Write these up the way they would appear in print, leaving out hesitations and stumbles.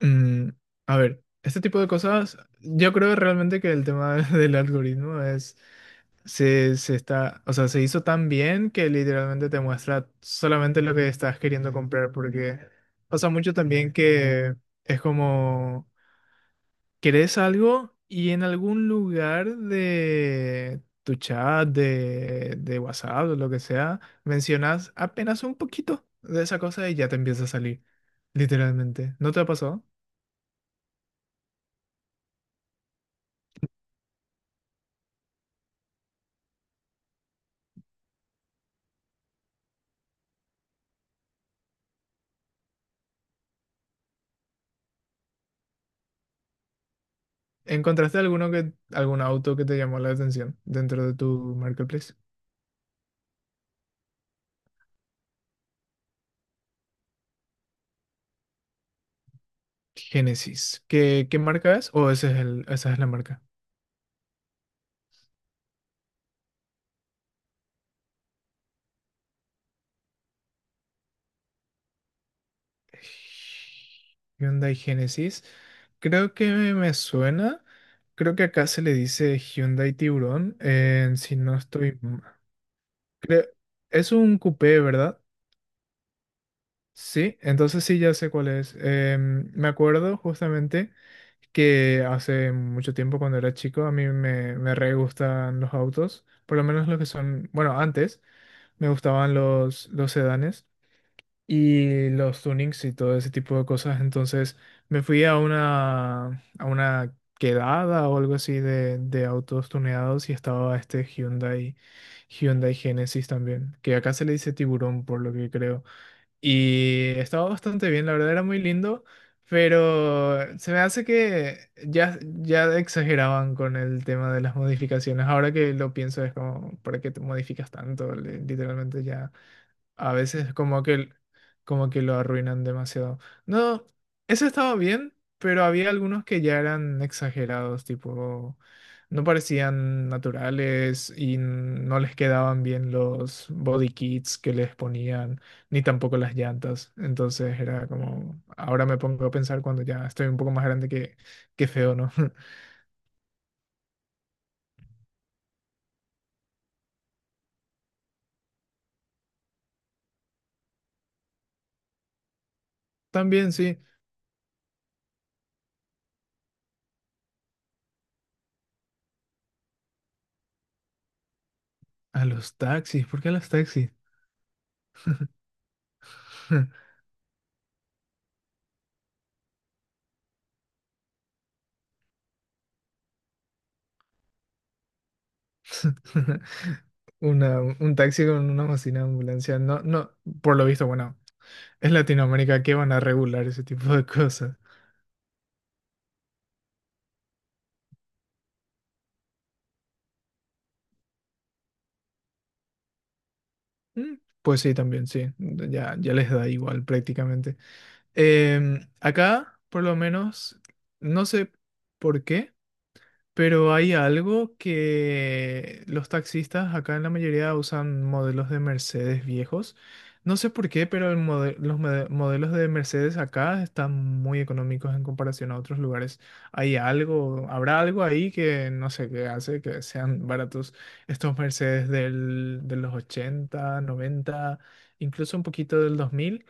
Mm, a ver, este tipo de cosas, yo creo realmente que el tema del algoritmo es, se está, o sea, se hizo tan bien que literalmente te muestra solamente lo que estás queriendo comprar, porque pasa mucho también que es como, querés algo y en algún lugar de tu chat, de WhatsApp o lo que sea, mencionas apenas un poquito de esa cosa y ya te empieza a salir, literalmente. ¿No te ha pasado? ¿Encontraste alguno que, algún auto que te llamó la atención dentro de tu marketplace? Genesis. ¿Qué, qué marca es? ¿O ese es el, esa es la marca? Hyundai Genesis. Creo que me suena. Creo que acá se le dice Hyundai Tiburón, si no estoy. Ma- creo, es un coupé, ¿verdad? Sí, entonces sí, ya sé cuál es. Me acuerdo justamente que hace mucho tiempo cuando era chico a mí me, me re gustan los autos, por lo menos los que son, bueno, antes me gustaban los sedanes y los tunings y todo ese tipo de cosas, entonces me fui a una quedada o algo así de autos tuneados y estaba este Hyundai, Hyundai Genesis también, que acá se le dice tiburón por lo que creo. Y estaba bastante bien, la verdad era muy lindo, pero se me hace que ya exageraban con el tema de las modificaciones. Ahora que lo pienso es como, ¿para qué te modificas tanto? Le- literalmente ya... A veces como que lo arruinan demasiado. No, eso estaba bien, pero había algunos que ya eran exagerados, tipo, no parecían naturales y no les quedaban bien los body kits que les ponían, ni tampoco las llantas. Entonces era como, ahora me pongo a pensar cuando ya estoy un poco más grande que feo, ¿no? También sí, a los taxis, ¿por qué a los taxis? Una, un taxi con una bocina de ambulancia. No, no, por lo visto, bueno, es Latinoamérica que van a regular ese tipo de cosas. Mm, pues sí, también, sí. Ya les da igual prácticamente. Acá, por lo menos, no sé por qué. Pero hay algo que los taxistas acá en la mayoría usan modelos de Mercedes viejos. No sé por qué, pero el modelos de Mercedes acá están muy económicos en comparación a otros lugares. Hay algo, habrá algo ahí que no sé qué hace que sean baratos estos Mercedes del, de los 80 noventa, incluso un poquito del dos mil.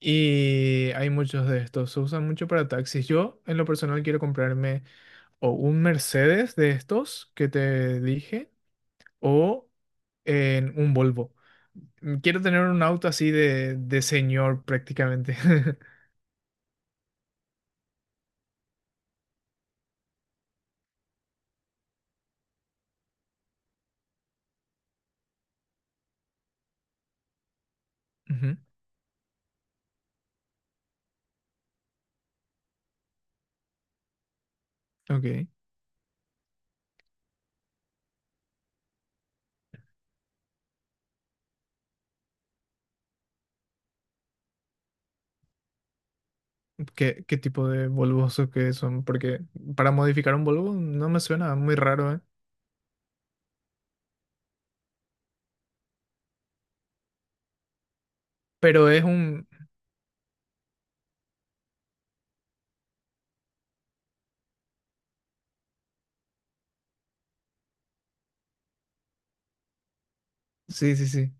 Y hay muchos de estos, se usan mucho para taxis. Yo, en lo personal, quiero comprarme o un Mercedes de estos que te dije o en un Volvo. Mm, quiero tener un auto así de señor prácticamente. Ujú, ok. ¿Qué, qué tipo de Volvos o qué son? Porque para modificar un Volvo no me suena muy raro, ¿eh? Pero es un... Sí, sí, sí.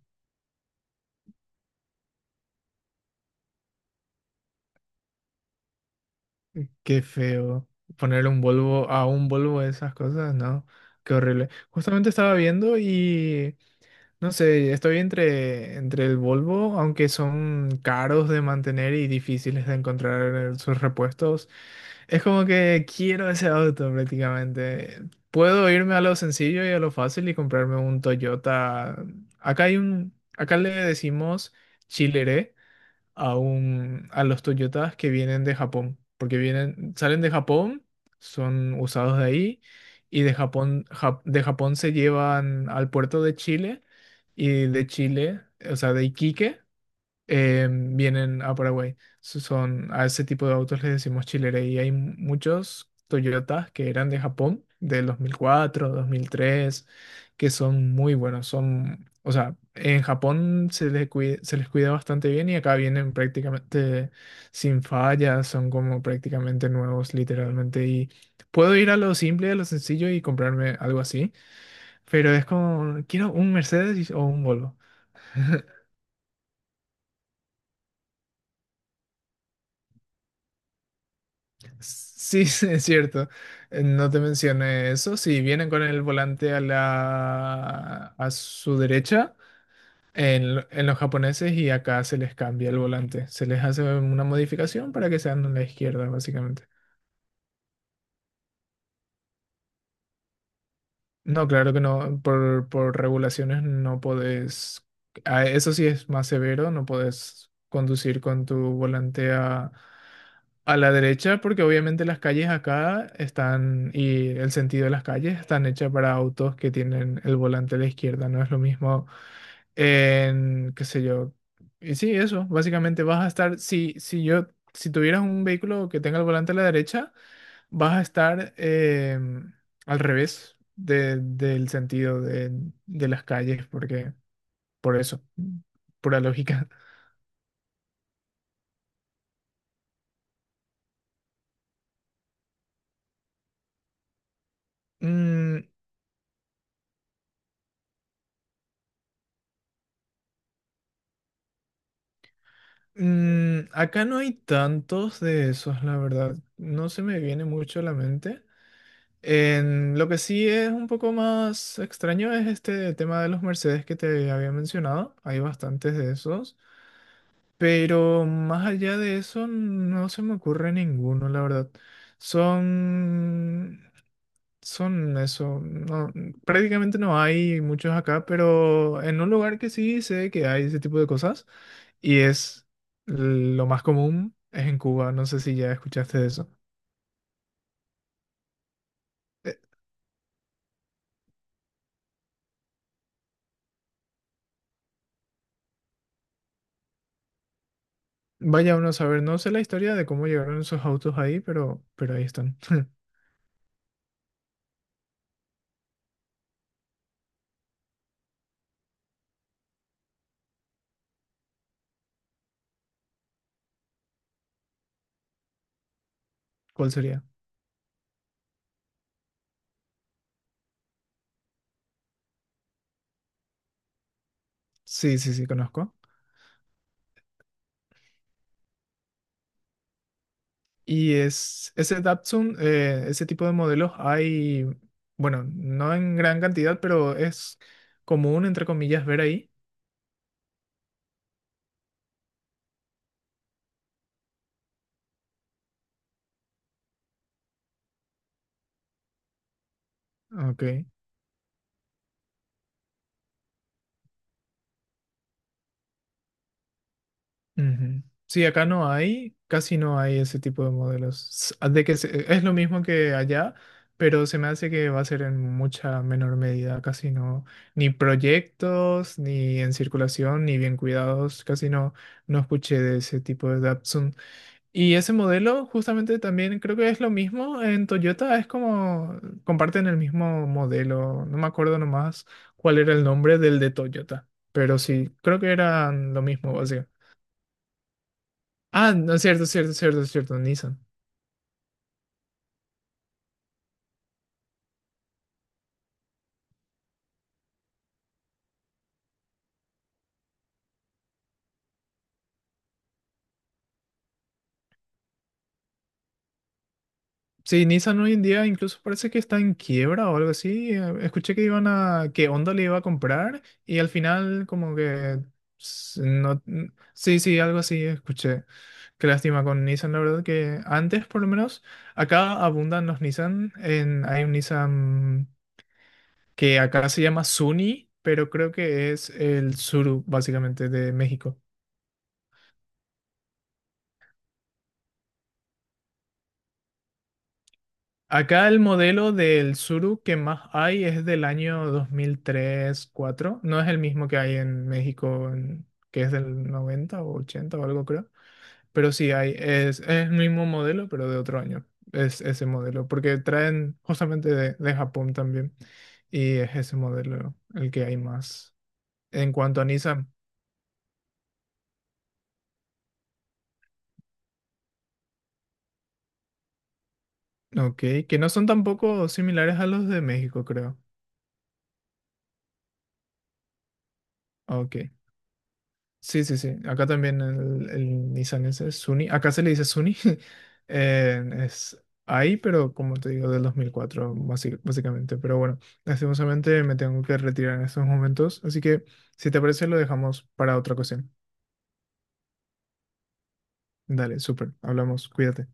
Qué feo. Ponerle un Volvo a un Volvo de esas cosas, ¿no? Qué horrible. Justamente estaba viendo y... No sé, estoy entre, entre el Volvo, aunque son caros de mantener y difíciles de encontrar sus repuestos. Es como que quiero ese auto prácticamente. Puedo irme a lo sencillo y a lo fácil y comprarme un Toyota. Acá hay un, acá le decimos Chilere a un, a los Toyotas que vienen de Japón, porque vienen, salen de Japón, son usados de ahí, y de Japón, Jap- de Japón se llevan al puerto de Chile, y de Chile, o sea, de Iquique, vienen a Paraguay. So- son, a ese tipo de autos les decimos chilere y hay muchos Toyotas que eran de Japón, del 2004, 2003, que son muy buenos. Son, o sea, en Japón se les cuida bastante bien y acá vienen prácticamente sin fallas, son como prácticamente nuevos, literalmente. Y puedo ir a lo simple, a lo sencillo y comprarme algo así, pero es como, quiero un Mercedes y- o un Volvo. Sí, es cierto. No te mencioné eso. Si vienen con el volante a la a su derecha, en, lo- en los japoneses y acá se les cambia el volante. Se les hace una modificación para que sean a la izquierda, básicamente. No, claro que no. Por regulaciones no podés. Eso sí es más severo, no podés conducir con tu volante a la derecha, porque obviamente las calles acá están, y el sentido de las calles están hechas para autos que tienen el volante a la izquierda. No es lo mismo en, qué sé yo. Y sí, eso. Básicamente vas a estar. Si, si yo, si tuvieras un vehículo que tenga el volante a la derecha. Vas a estar al revés de- del sentido de las calles, porque por eso, pura lógica. Mm, mm, acá no hay tantos de esos, la verdad. No se me viene mucho a la mente. En, lo que sí es un poco más extraño es este tema de los Mercedes que te había mencionado. Hay bastantes de esos. Pero más allá de eso, no se me ocurre ninguno, la verdad. Son son eso, no, prácticamente no hay muchos acá, pero en un lugar que sí sé que hay ese tipo de cosas y es lo más común es en Cuba, no sé si ya escuchaste de eso. Eh, Vaya uno a saber, no sé la historia de cómo llegaron esos autos ahí, pero ahí están. ¿Cuál sería? Sí, sí, sí, conozco. Y es ese Datsun, ese tipo de modelos hay, bueno, no en gran cantidad, pero es común, entre comillas, ver ahí. Ok. Ujú. Sí, acá no hay, casi no hay ese tipo de modelos. S- de que se- es lo mismo que allá, pero se me hace que va a ser en mucha menor medida, casi no, ni proyectos, ni en circulación, ni bien cuidados, casi no, no escuché de ese tipo de Datsun. Y ese modelo justamente también creo que es lo mismo en Toyota, es como comparten el mismo modelo, no me acuerdo nomás cuál era el nombre del de Toyota, pero sí, creo que eran lo mismo, ah, no, es cierto, es cierto, es cierto, es cierto, Nissan. Sí, Nissan hoy en día incluso parece que está en quiebra o algo así. Escuché que iban a, que Honda le iba a comprar y al final como que s- no, n- sí, sí, algo así escuché. Qué lástima con Nissan, la verdad que antes por lo menos acá abundan los Nissan. En, hay un Nissan que acá se llama Sunny, pero creo que es el Suru básicamente de México. Acá el modelo del Tsuru que más hay es del año 2003 cuatro. No es el mismo que hay en México, en- que es del 90 o 80 o algo creo. Pero sí hay, es el mismo modelo, pero de otro año. Es ese modelo, porque traen justamente de Japón también. Y es ese modelo el que hay más. En cuanto a Nissan, ok, que no son tampoco similares a los de México, creo. Ok. Sí, sí, sí. Acá también el Nissan ese es Sunny. Acá se le dice Sunny. Es ahí, pero como te digo, del 2004, basi- básicamente. Pero bueno, lastimosamente me tengo que retirar en estos momentos. Así que, si te parece, lo dejamos para otra ocasión. Dale, súper. Hablamos. Cuídate.